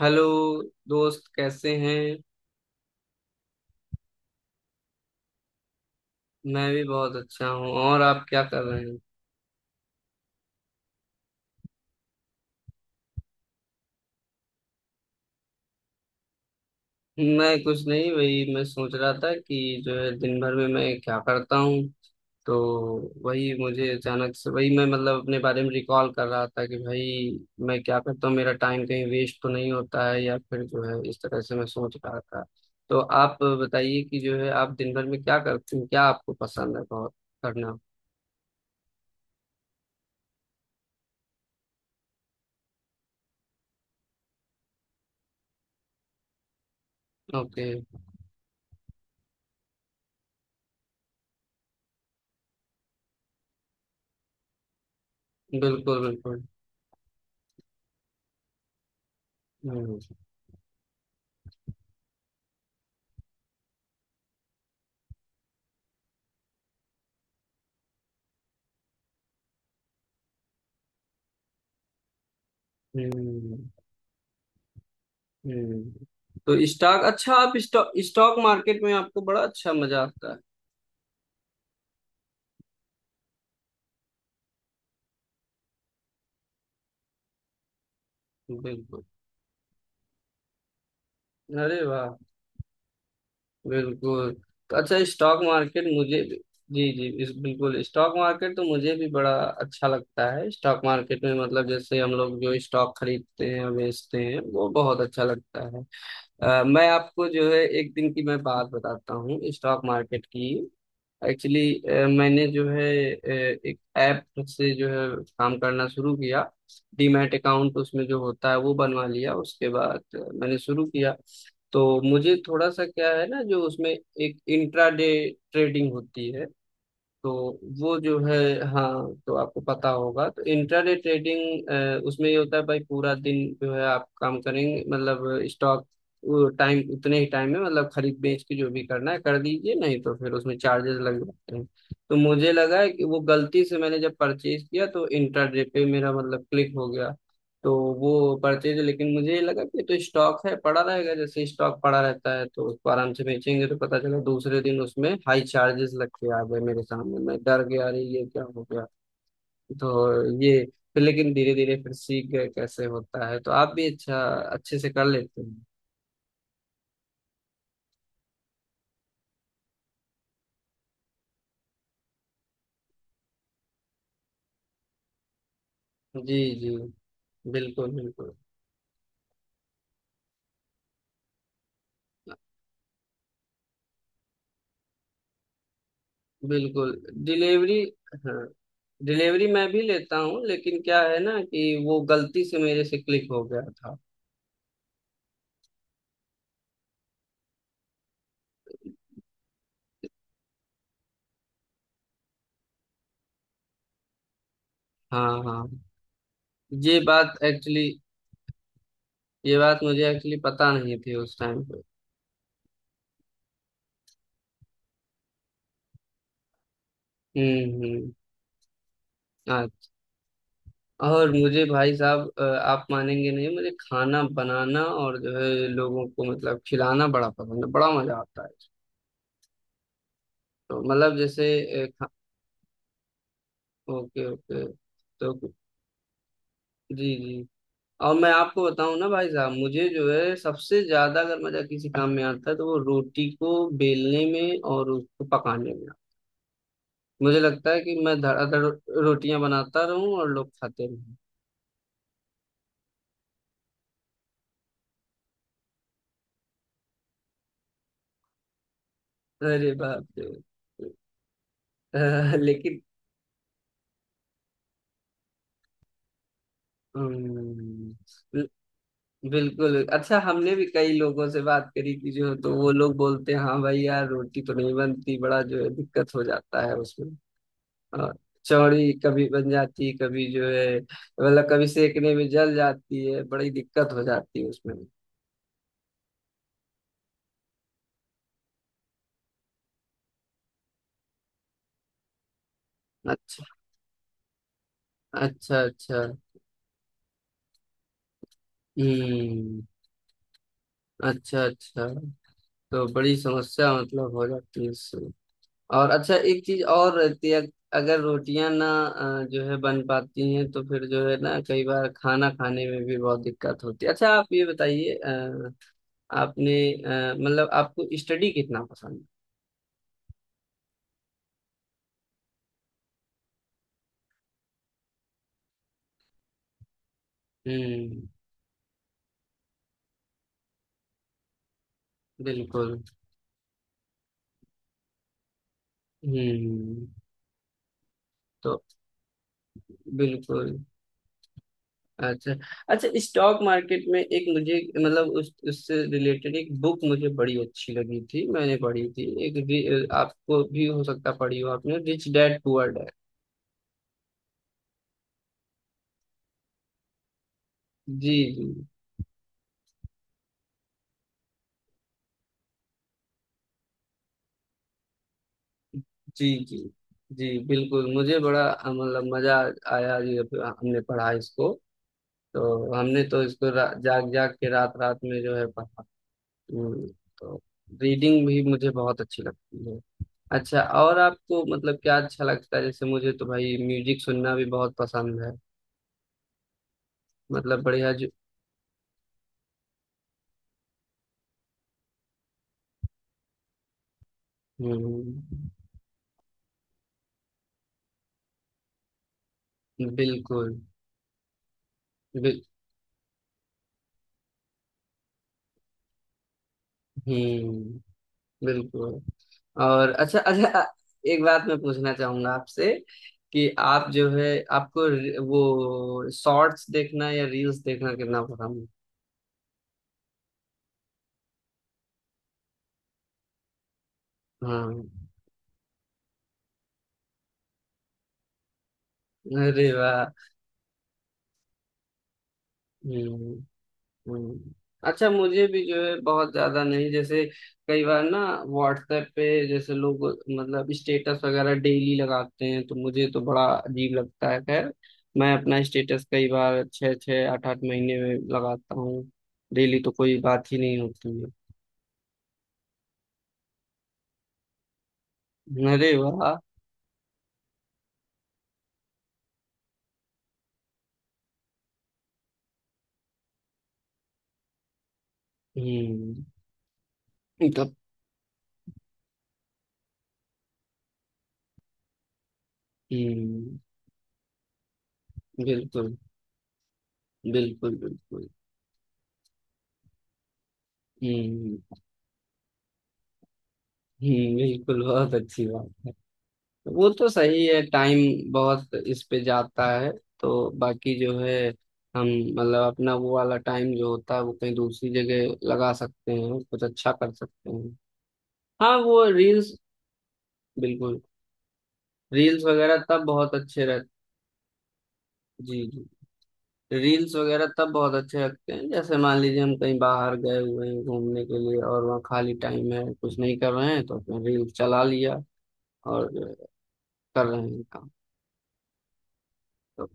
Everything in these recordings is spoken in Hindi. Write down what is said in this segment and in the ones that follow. हेलो दोस्त, कैसे हैं? मैं भी बहुत अच्छा हूँ। और आप क्या कर रहे हैं? मैं कुछ नहीं, वही मैं सोच रहा था कि जो है दिन भर में मैं क्या करता हूँ, तो वही मुझे अचानक से, वही मैं मतलब अपने बारे में रिकॉल कर रहा था कि भाई मैं क्या करता हूँ, मेरा टाइम कहीं वेस्ट तो नहीं होता है, या फिर जो है इस तरह से मैं सोच रहा था। तो आप बताइए कि जो है आप दिन भर में क्या करते हैं, क्या आपको पसंद है बहुत करना? ओके। बिल्कुल बिल्कुल। हम्म। हम्म। हम्म। तो स्टॉक, अच्छा, आप स्टॉक स्टॉक मार्केट में आपको बड़ा अच्छा मजा आता है? बिल्कुल। अरे वाह। बिल्कुल। तो अच्छा, स्टॉक मार्केट मुझे भी। जी जी, इस बिल्कुल स्टॉक मार्केट तो मुझे भी बड़ा अच्छा लगता है। स्टॉक मार्केट में मतलब जैसे हम लोग जो स्टॉक खरीदते हैं और बेचते हैं, वो बहुत अच्छा लगता है। मैं आपको जो है एक दिन की मैं बात बताता हूँ स्टॉक मार्केट की। एक्चुअली, मैंने जो है अ, एक ऐप से जो है काम करना शुरू किया। डीमैट अकाउंट, उसमें जो होता है वो बनवा लिया। उसके बाद मैंने शुरू किया। तो मुझे थोड़ा सा क्या है ना, जो उसमें एक इंट्राडे ट्रेडिंग होती है, तो वो जो है। हाँ, तो आपको पता होगा, तो इंट्राडे ट्रेडिंग उसमें ये होता है भाई, पूरा दिन जो है आप काम करेंगे मतलब स्टॉक टाइम, उतने ही टाइम में मतलब खरीद बेच के जो भी करना है कर दीजिए, नहीं तो फिर उसमें चार्जेस लग जाते हैं। तो मुझे लगा है कि वो गलती से मैंने जब परचेज किया तो इंट्राडे पे मेरा मतलब क्लिक हो गया। तो वो पढ़ते थे, लेकिन मुझे ये लगा कि ये तो स्टॉक है, पड़ा रहेगा, जैसे स्टॉक पड़ा रहता है, तो उसको आराम से बेचेंगे। तो पता चला दूसरे दिन उसमें हाई चार्जेस लग के आ गए मेरे सामने, मैं डर गया, अरे ये क्या हो गया। तो ये फिर, लेकिन धीरे धीरे फिर सीख गए कैसे होता है, तो आप भी अच्छा अच्छे से कर लेते हैं। जी जी। बिल्कुल बिल्कुल। बिल्कुल डिलीवरी। हाँ, डिलीवरी मैं भी लेता हूँ, लेकिन क्या है ना कि वो गलती से मेरे से क्लिक हो गया था। हाँ हाँ। ये बात एक्चुअली, ये बात मुझे एक्चुअली पता नहीं थी उस टाइम पे। हम्म। हम्म। आज- और मुझे भाई साहब, आप मानेंगे नहीं, मुझे खाना बनाना और जो है लोगों को मतलब खिलाना बड़ा पसंद है, बड़ा मजा आता है। तो मतलब जैसे। Okay okay. तो जी जी। और मैं आपको बताऊं ना भाई साहब, मुझे जो है सबसे ज्यादा अगर मजा किसी काम में आता है तो वो रोटी को बेलने में और उसको पकाने में आता है। मुझे लगता है कि मैं धड़ाधड़ रोटियां बनाता रहूं और लोग खाते रहें। अरे बाप रे। लेकिन। हम्म। बिल- बिल्कुल। अच्छा, हमने भी कई लोगों से बात करी थी, जो तो वो लोग बोलते हैं, हाँ भाई यार रोटी तो नहीं बनती, बड़ा जो है दिक्कत हो जाता है उसमें। और चौड़ी कभी बन जाती, कभी जो है मतलब कभी सेकने में जल जाती है, बड़ी दिक्कत हो जाती है उसमें। अच्छा अच्छा अच्छा। हम्म। अच्छा अच्छा। तो बड़ी समस्या मतलब हो जाती है इससे। और अच्छा, एक चीज और रहती है, अगर रोटियां ना जो है बन पाती हैं, तो फिर जो है ना, कई बार खाना खाने में भी बहुत दिक्कत होती है। अच्छा, आप ये बताइए, आपने मतलब आपको स्टडी कितना पसंद है? हम्म। बिल्कुल। हम्म। तो बिल्कुल, अच्छा अच्छा, स्टॉक मार्केट में एक मुझे मतलब उस उससे रिलेटेड एक बुक मुझे बड़ी अच्छी लगी थी, मैंने पढ़ी थी, एक आपको भी हो सकता पढ़ी हो आपने, रिच डैड पुअर डैड। जी जी। जी जी, जी बिल्कुल, मुझे बड़ा मतलब मजा आया ये, हमने पढ़ा इसको। तो हमने तो इसको जाग जाग के रात रात में जो है पढ़ा। हम्म। तो रीडिंग भी मुझे बहुत अच्छी लगती है। अच्छा, और आपको मतलब क्या अच्छा लगता है? जैसे मुझे तो भाई म्यूजिक सुनना भी बहुत पसंद है, मतलब बढ़िया जो। हम्म। बिल्कुल। बिल, हम्म। बिल्कुल। और अच्छा अच्छा, एक बात मैं पूछना चाहूंगा आपसे, कि आप जो है आपको वो शॉर्ट्स देखना या रील्स देखना कितना पसंद है? हाँ। अरे वाह। हम्म। हम्म। अच्छा, मुझे भी जो है बहुत ज्यादा नहीं, जैसे कई बार ना व्हाट्सएप पे जैसे लोग मतलब स्टेटस वगैरह डेली लगाते हैं तो मुझे तो बड़ा अजीब लगता है, खैर मैं अपना स्टेटस कई बार छः छः आठ आठ महीने में लगाता हूँ, डेली तो कोई बात ही नहीं होती। अरे वाह। हम्म। तब। हम्म। बिल्कुल बिल्कुल बिल्कुल। हम्म। हम्म। बिल्कुल, बहुत अच्छी बात है। वो तो सही है, टाइम बहुत इस पे जाता है, तो बाकी जो है हम मतलब अपना वो वाला टाइम जो होता है वो कहीं दूसरी जगह लगा सकते हैं, कुछ अच्छा कर सकते हैं। हाँ, वो रील्स। बिल्कुल। रील्स वगैरह तब बहुत अच्छे रहते। जी। रील्स वगैरह तब बहुत अच्छे लगते हैं, जैसे मान लीजिए हम कहीं बाहर गए हुए हैं घूमने के लिए और वहाँ खाली टाइम है, कुछ नहीं कर रहे हैं, तो अपने रील्स चला लिया और जो है, कर रहे हैं काम। तो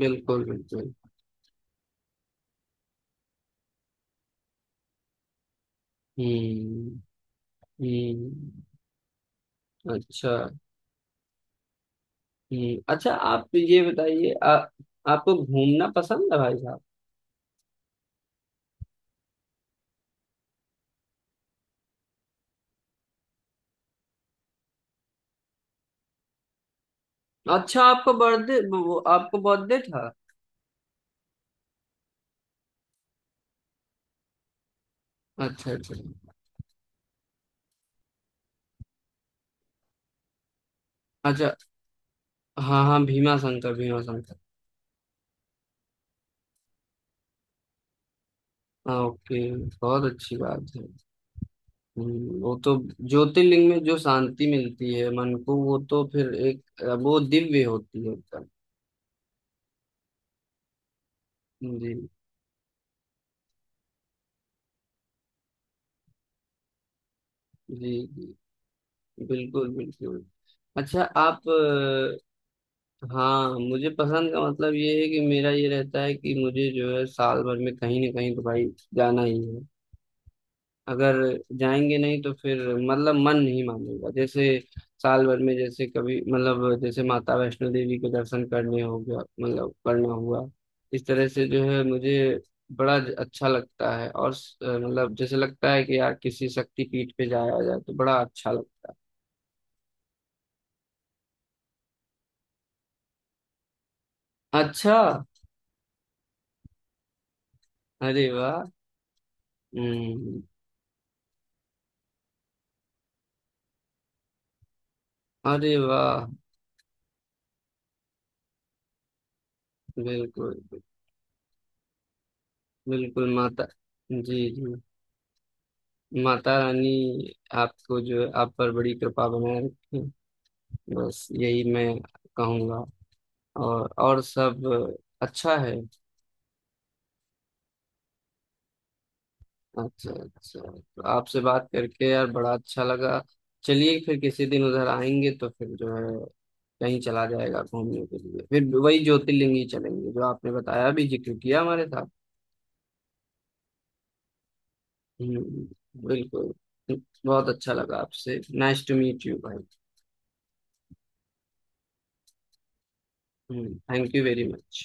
बिल्कुल बिल्कुल। हम्म। हम्म। अच्छा। हम्म। अच्छा, आप ये बताइए, आपको घूमना पसंद है भाई साहब? अच्छा, आपका बर्थडे, वो आपको बर्थडे था? अच्छा अच्छा अच्छा। हाँ हाँ, भीमा शंकर, भीमा शंकर। हाँ, ओके। बहुत अच्छी बात है। वो तो ज्योतिर्लिंग में जो शांति मिलती है मन को, वो तो फिर एक, वो दिव्य होती है एकदम। जी। जी जी, बिल्कुल बिल्कुल। अच्छा, आप हाँ, मुझे पसंद का मतलब ये है, कि मेरा ये रहता है कि मुझे जो है साल भर में कहीं ना कहीं तो भाई जाना ही है। अगर जाएंगे नहीं तो फिर मतलब मन नहीं मानेगा, जैसे साल भर में जैसे कभी मतलब जैसे माता वैष्णो देवी के दर्शन करने हो गया मतलब करना हुआ, इस तरह से जो है मुझे बड़ा अच्छा लगता है, और मतलब जैसे लगता है कि यार किसी शक्ति पीठ पे जाया जाए तो बड़ा अच्छा लगता है। अच्छा। अरे वाह। हम्म। अरे वाह। बिल्कुल बिल्कुल। माता। जी जी, माता रानी आपको जो है आप पर बड़ी कृपा बनाए रखें, बस यही मैं कहूँगा। और सब अच्छा है। अच्छा अच्छा, तो आपसे बात करके यार बड़ा अच्छा लगा। चलिए, फिर किसी दिन उधर आएंगे तो फिर जो है कहीं चला जाएगा घूमने के लिए, फिर वही ज्योतिर्लिंग ही चलेंगे, जो आपने बताया भी, जिक्र किया हमारे साथ। हम्म। बिल्कुल, बहुत अच्छा लगा आपसे। नाइस टू मीट यू भाई। Thank you very much.